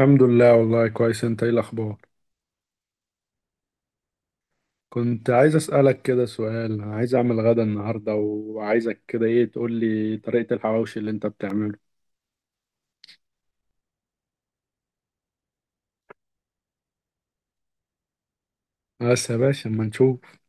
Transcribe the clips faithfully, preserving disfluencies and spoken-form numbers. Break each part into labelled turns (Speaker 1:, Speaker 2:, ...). Speaker 1: الحمد لله، والله كويس. انت ايه الاخبار؟ كنت عايز اسالك كده سؤال. عايز اعمل غدا النهارده، وعايزك كده ايه تقول لي طريقه الحواوشي اللي انت بتعمله. بس يا باشا، اما نشوف.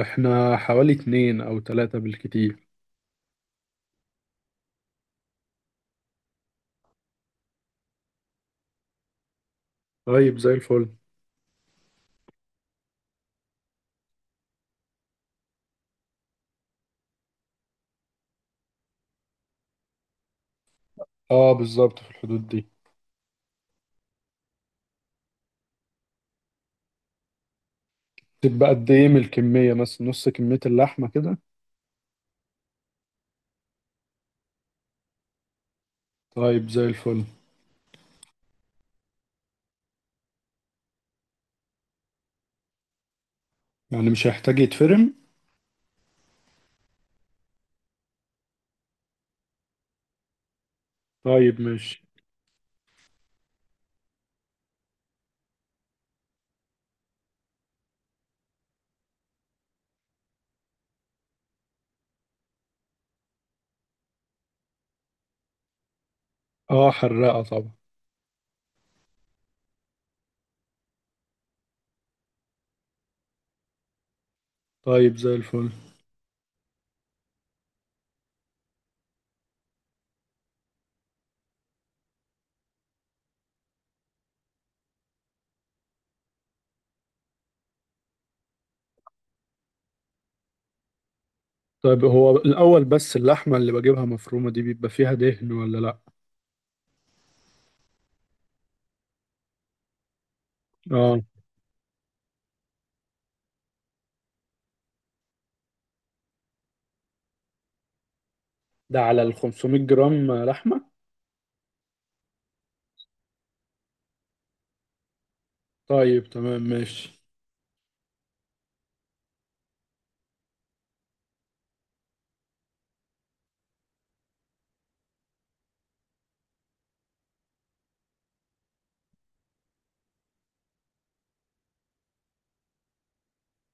Speaker 1: احنا حوالي اتنين او تلاتة بالكتير. طيب، زي الفل. اه، بالظبط في الحدود دي. تبقى قد ايه من الكميه؟ مثلا نص كميه اللحمه كده؟ طيب، زي الفل. يعني مش هيحتاج يتفرم؟ طيب ماشي. اه، حرقه طبعا. طيب، زي الفل. طيب، هو الأول بس اللحمة اللي بجيبها مفرومة دي بيبقى فيها دهن ولا لأ؟ اه، ده على ال خمسمية جرام لحمة؟ طيب تمام ماشي.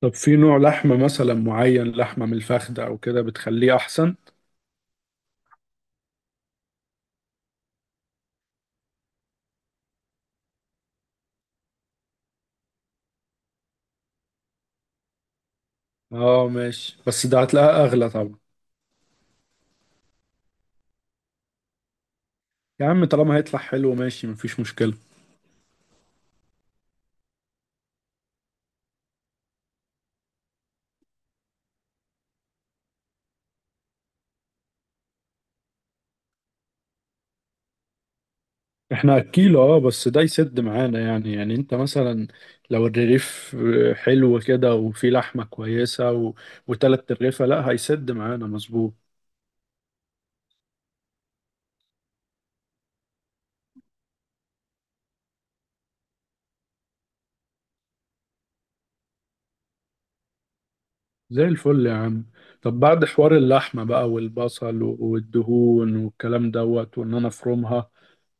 Speaker 1: طب في نوع لحمة مثلا معين، لحمة من الفخدة أو كده بتخليه أحسن؟ اه ماشي، بس ده هتلاقيها أغلى طبعا. يا عم، طالما هيطلع حلو ماشي، مفيش مشكلة. احنا أكيل. اه، بس ده يسد معانا. يعني يعني انت مثلا، لو الرغيف حلو كده وفي لحمة كويسة و وتلات رغيفة، لا، هيسد معانا مظبوط. زي الفل يا عم. طب بعد حوار اللحمة بقى والبصل و- والدهون والكلام دوت، وان انا افرمها.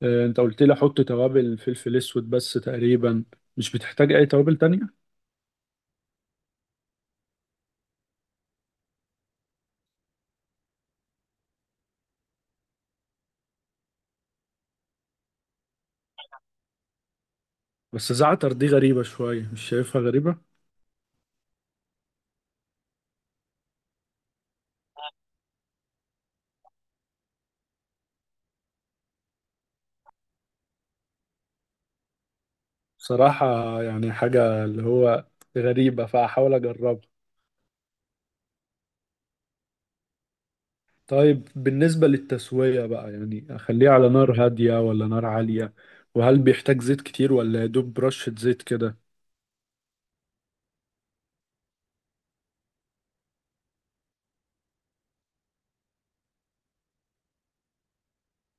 Speaker 1: آه، انت قلت لي احط توابل فلفل اسود بس تقريبا. مش بتحتاج اي توابل تانية. بس زعتر دي غريبة شوية، مش شايفها غريبة؟ بصراحة، يعني حاجة اللي هو غريبة، فاحاول اجربها. طيب بالنسبة للتسوية بقى، يعني اخليها على نار هادية ولا نار عالية؟ وهل بيحتاج زيت كتير ولا يا دوب رشة زيت كده؟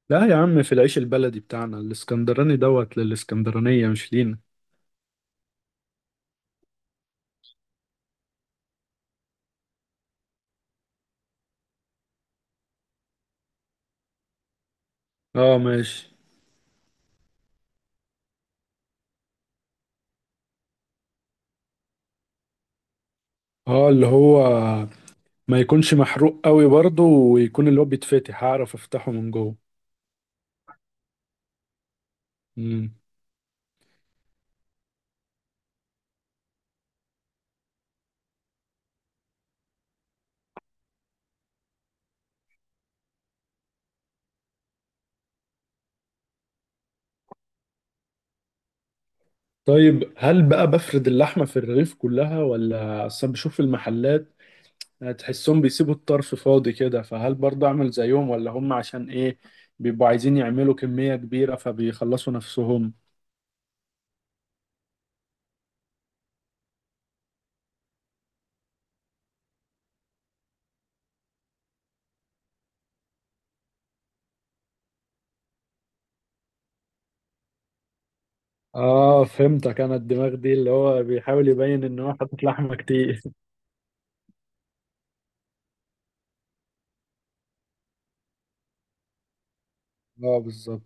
Speaker 1: لا يا عم، في العيش البلدي بتاعنا. الاسكندراني دوت للاسكندرانية، مش لينا. اه ماشي. اه، اللي هو ما يكونش محروق قوي برضه، ويكون اللي هو بيتفتح، هعرف افتحه من جوه. مم. طيب هل بقى بفرد اللحمة في الرغيف كلها؟ ولا اصلا بشوف في المحلات، آه، تحسهم بيسيبوا الطرف فاضي كده، فهل برضه اعمل زيهم؟ ولا هم عشان ايه بيبقوا عايزين يعملوا كمية كبيرة فبيخلصوا نفسهم؟ اه فهمتك. انا الدماغ دي اللي هو بيحاول يبين ان هو حاطط لحمة كتير اه بالظبط.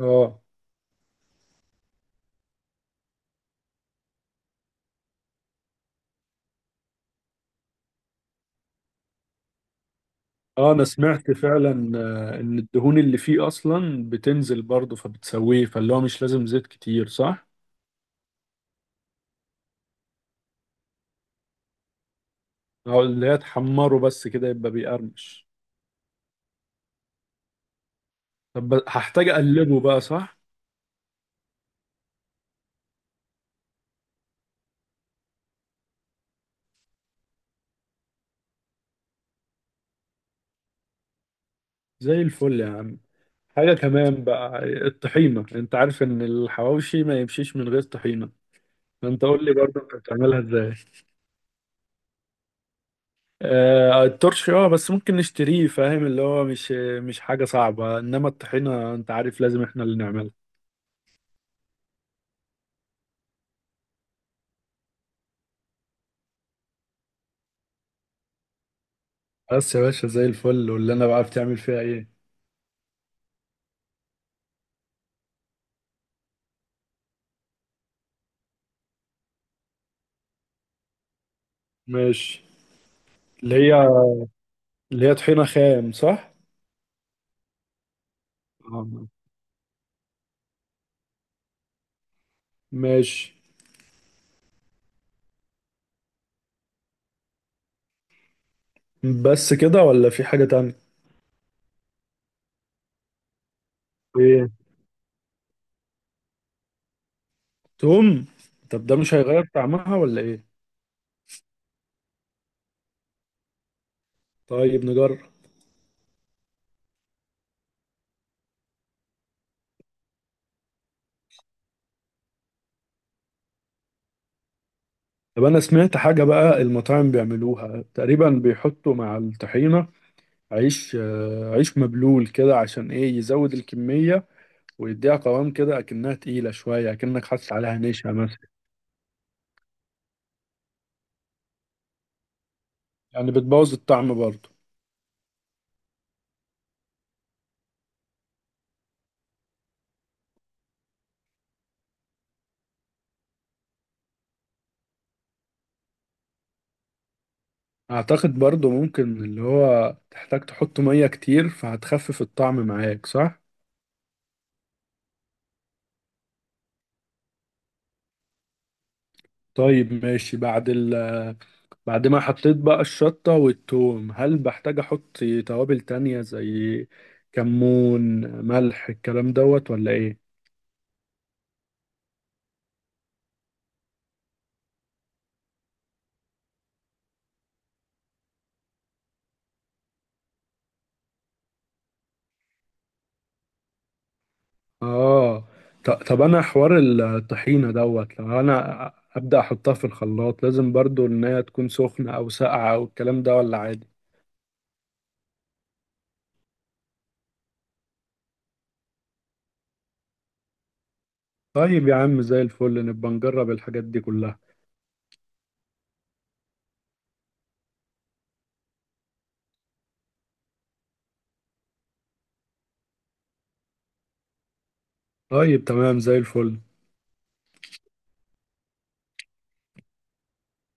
Speaker 1: اه، اه انا سمعت فعلا آه، ان الدهون اللي فيه اصلا بتنزل برضه فبتسويه، فاللي هو مش لازم زيت كتير، صح؟ اه، اللي هي تحمره بس كده يبقى بيقرمش. طب هحتاج اقلبه بقى، صح؟ زي الفل يا عم. حاجة كمان بقى، الطحينة. انت عارف ان الحواوشي ما يمشيش من غير طحينة. فانت قول لي برضه انت بتعملها ازاي. آه الترش اه، بس ممكن نشتريه، فاهم؟ اللي هو مش مش حاجة صعبة. انما الطحينة، انت عارف لازم احنا اللي نعملها. بس يا باشا، زي الفل. واللي انا بقى بتعمل فيها ايه؟ ماشي. اللي هي اللي هي طحينة خام، صح؟ آه. ماشي. بس كده ولا في حاجة تانية؟ ايه؟ توم؟ طب ده مش هيغير طعمها ولا ايه؟ طيب نجرب. طب انا سمعت حاجة بقى، المطاعم بيعملوها تقريبا، بيحطوا مع الطحينة عيش آه، عيش مبلول كده، عشان ايه، يزود الكمية ويديها قوام كده، اكنها تقيلة شوية، اكنك حاطط عليها نشا مثلا. يعني بتبوظ الطعم برضه؟ اعتقد برضو، ممكن اللي هو تحتاج تحط مية كتير، فهتخفف الطعم معاك، صح؟ طيب ماشي. بعد ال بعد ما حطيت بقى الشطة والثوم، هل بحتاج احط توابل تانية زي كمون، ملح، الكلام دوت، ولا ايه؟ اه. ط- طب انا حوار الطحينة دوت، لو انا ابدأ احطها في الخلاط، لازم برضو ان هي تكون سخنة او ساقعة او الكلام ده، ولا عادي؟ طيب يا عم، زي الفل، نبقى نجرب الحاجات دي كلها. طيب تمام، زي الفل.